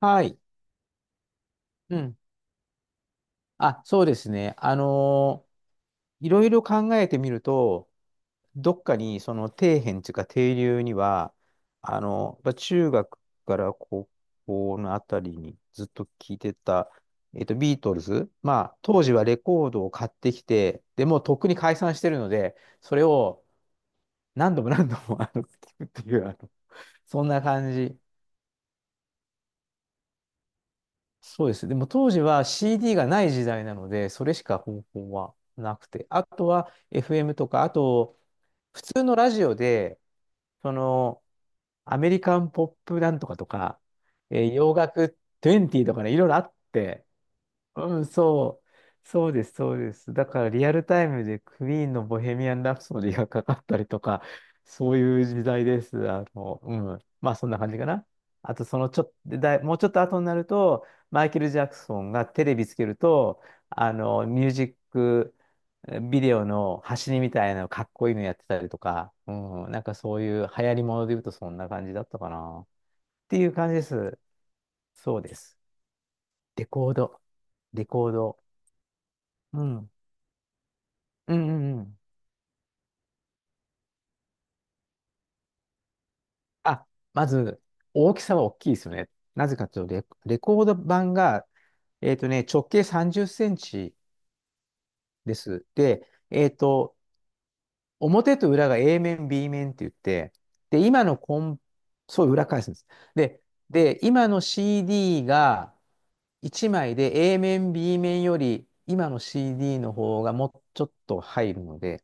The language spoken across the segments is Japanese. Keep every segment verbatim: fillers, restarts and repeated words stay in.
はい。うん。あ、そうですね。あのーいろいろ考えてみると、どっかにその底辺というか底流には、あの、やっぱ中学から高校のあたりにずっと聞いてた、えっと、ビートルズ。まあ、当時はレコードを買ってきて、でもうとっくに解散してるので、それを何度も何度もあの聞くっていう、あの、そんな感じ。そうです。でも当時は シーディー がない時代なので、それしか方法はなくて、あとは エフエム とか、あと普通のラジオで、そのアメリカンポップなんとかとか、えー洋楽にじゅうとかね、いろいろあって、うん、そう、そうです、そうです。だからリアルタイムでクイーンのボヘミアン・ラプソディがかかったりとか、そういう時代です。あの、うん。まあそんな感じかな。あとそのちょっと、だいもうちょっと後になると、マイケル・ジャクソンがテレビつけると、あの、ミュージックビデオの走りみたいなのかっこいいのやってたりとか、うん、なんかそういう流行りもので言うとそんな感じだったかな。っていう感じです。そうです。レコード、レコード。うん。うんうんうん。あ、まず、大きさは大きいですよね。なぜかというとレ、レコード盤が、えっとね、直径さんじゅっセンチです。で、えっと、表と裏が A 面、B 面って言って、で、今のコン、そう、裏返すんです。で、で、今の シーディー がいちまいで A 面、B 面より、今の シーディー の方がもうちょっと入るので、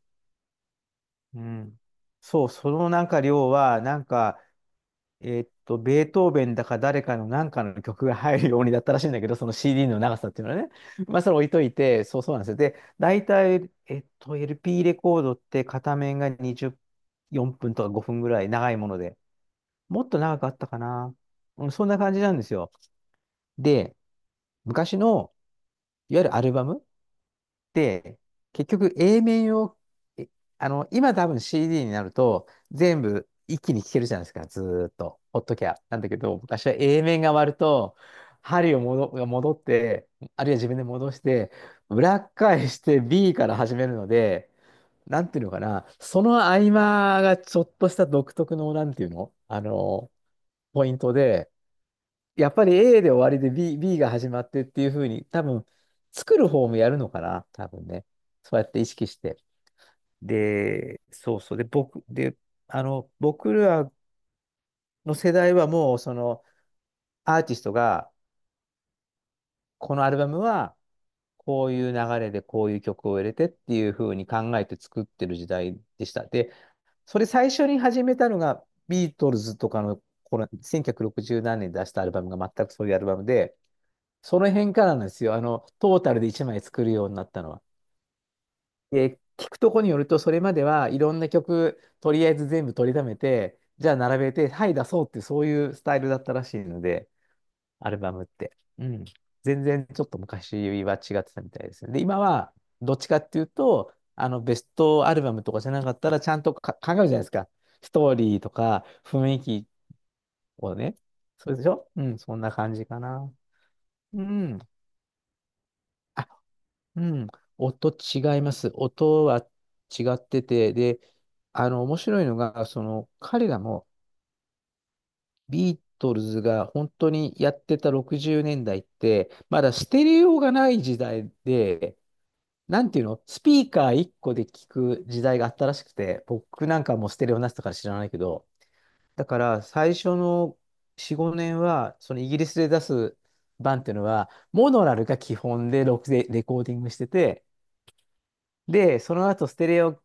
うん。そう、そのなんか量は、なんか、えーっと、ベートーベンだか誰かの何かの曲が入るようにだったらしいんだけど、その シーディー の長さっていうのはね。まあ、それ置いといて、そうそうなんですよ。で、大体、えっと、エルピー レコードって片面がにじゅう、よんぷんとかごふんぐらい長いもので、もっと長かったかな。うん、そんな感じなんですよ。で、昔の、いわゆるアルバム、で、結局 A 面を、えあの、今多分 シーディー になると全部一気に聴けるじゃないですか、ずーっと、ほっときゃ。なんだけど、昔は A 面が割ると、針を戻、戻って、あるいは自分で戻して、裏返して B から始めるので、なんていうのかな、その合間がちょっとした独特の、なんていうの、あの、ポイントで、やっぱり A で終わりで B、B が始まってっていうふうに、多分、作る方もやるのかな、多分ね。そうやって意識して。で、そうそう。で、僕、で、あの、僕らの世代はもう、その、アーティストが、このアルバムは、こういう流れでこういう曲を入れてっていうふうに考えて作ってる時代でした。で、それ最初に始めたのが、ビートルズとかの、このせんきゅうひゃくろくじゅう何年に出したアルバムが全くそういうアルバムで、その辺からなんですよ。あの、トータルでいちまい作るようになったのは。で、聞くとこによると、それまではいろんな曲、とりあえず全部取りためて、じゃあ並べて、はい、出そうっていう、そういうスタイルだったらしいので、アルバムって。うん。全然ちょっと昔は違ってたみたいですね。で、今は、どっちかっていうと、あの、ベストアルバムとかじゃなかったら、ちゃんとか考えるじゃないですか。ストーリーとか、雰囲気をね。そうでしょうん、そんな感じかな。うん。あうん、音違います。音は違ってて、で、あの、面白いのが、その、彼らもビートルズが本当にやってたろくじゅうねんだいって、まだステレオがない時代で、なんていうの、スピーカーいっこで聞く時代があったらしくて、僕なんかもうステレオなってたから知らないけど、だから最初のよん、ごねんは、そのイギリスで出す版っていうのは、モノラルが基本でロックでレコーディングしてて、で、その後ステレオ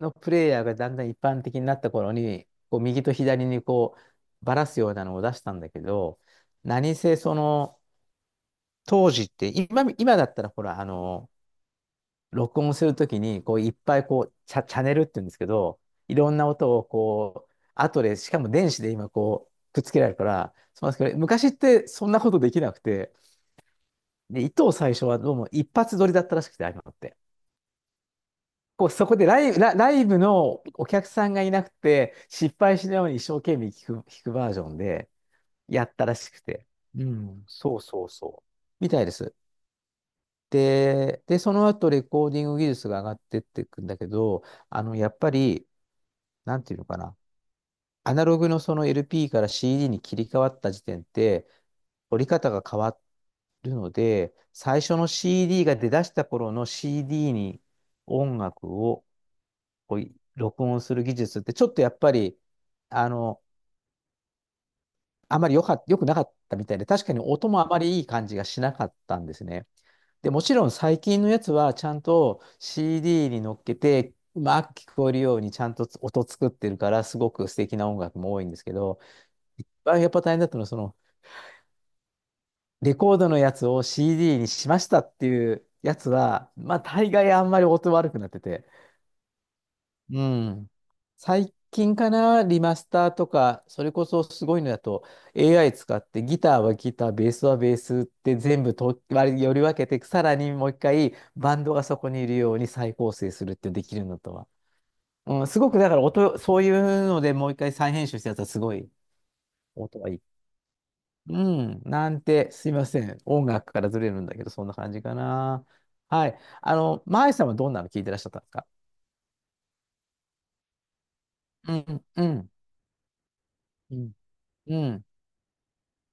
のプレイヤーがだんだん一般的になった頃に、こう右と左にこうばらすようなのを出したんだけど、何せその当時って今、今だったらほら、あの、録音するときにこういっぱいこうチャ、チャネルって言うんですけど、いろんな音をこう、後で、しかも電子で今こう、くっつけられるから、そうなんですけど、昔ってそんなことできなくて、で、糸を最初はどうも一発撮りだったらしくて、ああいうのって。こう、そこでライブ、ラ、ライブのお客さんがいなくて、失敗しないように一生懸命弾く、弾くバージョンでやったらしくて。うん、そうそうそう。みたいです。で、で、その後レコーディング技術が上がってっていくんだけど、あの、やっぱり、なんていうのかな。アナログのその エルピー から シーディー に切り替わった時点って、折り方が変わるので、最初の シーディー が出だした頃の シーディー に音楽をこう、録音する技術ってちょっとやっぱり、あの、あまり良か良くなかったみたいで、確かに音もあまりいい感じがしなかったんですね。で、もちろん最近のやつはちゃんと シーディー に乗っけて、うまく聞こえるようにちゃんと音作ってるから、すごく素敵な音楽も多いんですけど、一番やっぱ大変だったのは、その、レコードのやつを シーディー にしましたっていうやつは、まあ大概あんまり音悪くなってて、うん。最近かな、リマスターとか、それこそすごいのだと エーアイ 使ってギターはギター、ベースはベースって全部と割りより分けて、さらにもう一回バンドがそこにいるように再構成するってできるのとは。うん、すごくだから音、そういうのでもう一回再編集したやつはすごい音がいい。うん、なんて、すいません。音楽からずれるんだけど、そんな感じかな。はい。あの、マイさんはどんなの聞いてらっしゃったんですか？うん、うん、うん、うん。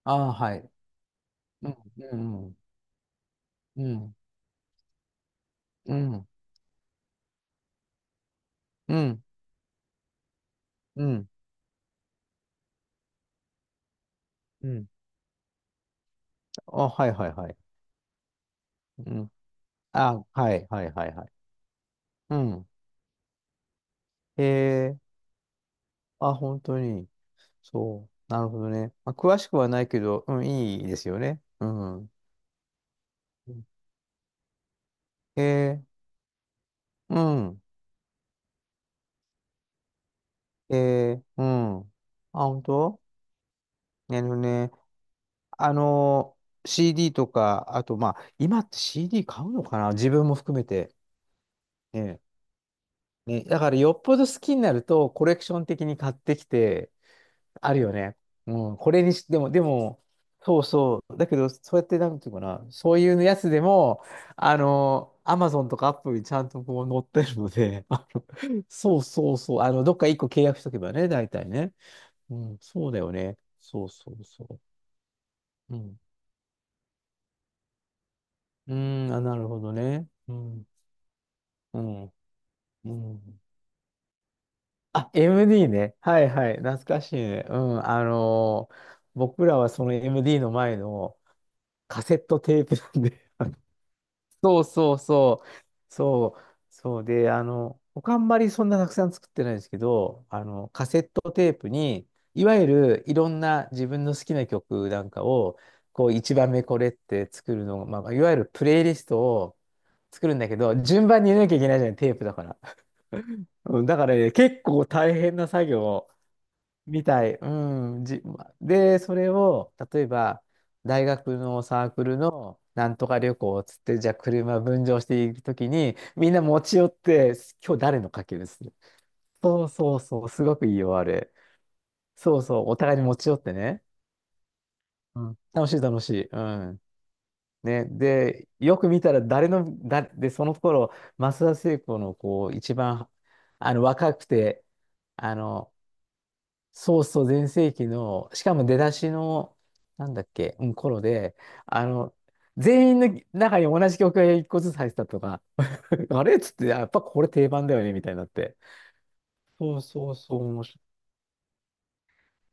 ああ、はい。うん、うん、うん、うん、うん、うん、うん。あ、はいはいはい。うん。あ、はいはいはいはい。うん。へえ、あ、本当に。そう。なるほどね。まあ、詳しくはないけど、うん、いいですよね。うん。へえ、うん。へえ、うん。あ、本当。なるほどね。あの、シーディー とか、あと、まあ、今って シーディー 買うのかな自分も含めて。ねね、だからよっぽど好きになるとコレクション的に買ってきて、あるよね。うん、これにし、でも、でも、そうそう。だけど、そうやって、なんていうかな、そういうやつでも、あの、アマゾンとかアップルにちゃんとこう載ってるので、あのそうそうそう、あの、どっか一個契約しとけばね、大体ね。うん、そうだよね。そうそうそう。うん。うーん、あ、なるほどね。うん、うん、うん。あ、エムディー ね。はいはい。懐かしいね。うん。あのー僕らはその エムディー の前のカセットテープなんで。そうそうそう。そう。そうで、あの、僕あんまりそんなたくさん作ってないですけど、あの、カセットテープに、いわゆるいろんな自分の好きな曲なんかを、こう、一番目これって作るの、まあ、いわゆるプレイリストを作るんだけど、順番に入れなきゃいけないじゃない、テープだから。うん、だからね、結構大変な作業。みたい。うん。じ、で、それを、例えば、大学のサークルのなんとか旅行っつって、じゃあ車分乗していくときに、みんな持ち寄って、今日誰のかけるする。そうそうそう、すごくいいよ、あれ。そうそう、お互いに持ち寄ってね。うん。楽しい、楽しい。うん。ね、で、よく見たら誰の、だ、で、その頃、増田聖子のこう、一番、あの、若くて、あの、そうそう、全盛期の、しかも出だしの、なんだっけ、うん、頃で、あの、全員の中に同じ曲が一個ずつ入ってたとか、あれっつって、やっぱこれ定番だよね、みたいになって。そうそうそう、面白い。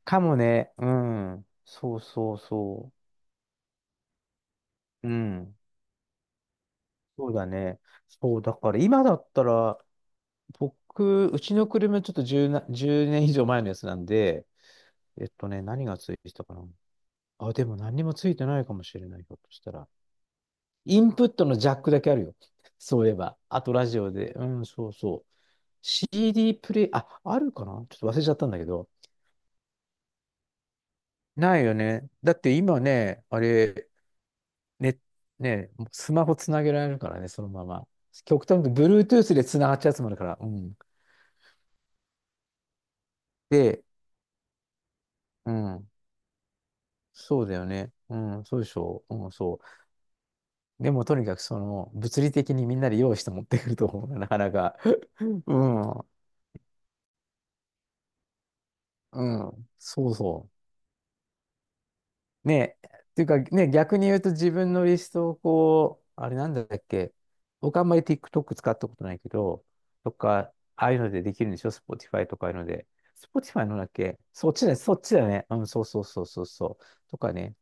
かもね、うん。そうそうそう。うん。そうだね。そう、だから今だったら、僕、うちの車ちょっと10な、いちねん以上前のやつなんで、えっとね、何がついてたかな。あ、でも何にもついてないかもしれない、ひょっとしたら。インプットのジャックだけあるよ。そういえば。あとラジオで。うん、そうそう。シーディー プレイ、あ、あるかなちょっと忘れちゃったんだけど。ないよね。だって今ね、あれ、ね、ね、スマホつなげられるからね、そのまま。極端に言うと ブルートゥース でつながっちゃうやつもあるから。うん。で、うん。そうだよね。うん、そうでしょう。うん、そう。でも、とにかく、その、物理的にみんなで用意して持ってくると思うな、なかなか。うん、うん、そうそうねえ、っていうかね、逆に言うと自分のリストをこう、あれなんだっけ、僕あんまり ティックトック 使ったことないけど、とか、ああいうのでできるんでしょ ?Spotify とかああいうので。スポティファイ のだっけそっちだね、そっちだね。うん、そうそうそうそうそう。とかね。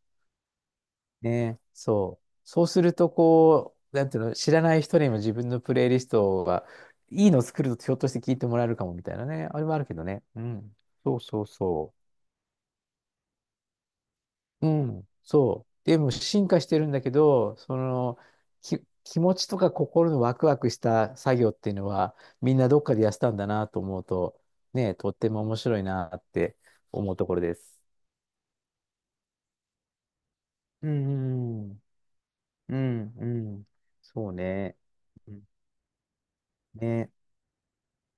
ね、そう。そうすると、こう、なんていうの、知らない人にも自分のプレイリストが、いいのを作るとひょっとして聞いてもらえるかもみたいなね。あれもあるけどね。うん。そうそうそう。うん、そう。でも進化してるんだけど、その、き、気持ちとか心のワクワクした作業っていうのは、みんなどっかでやってたんだなと思うと、ね、とっても面白いなって思うところです。うん、うん、うん、うんそうね。うんね。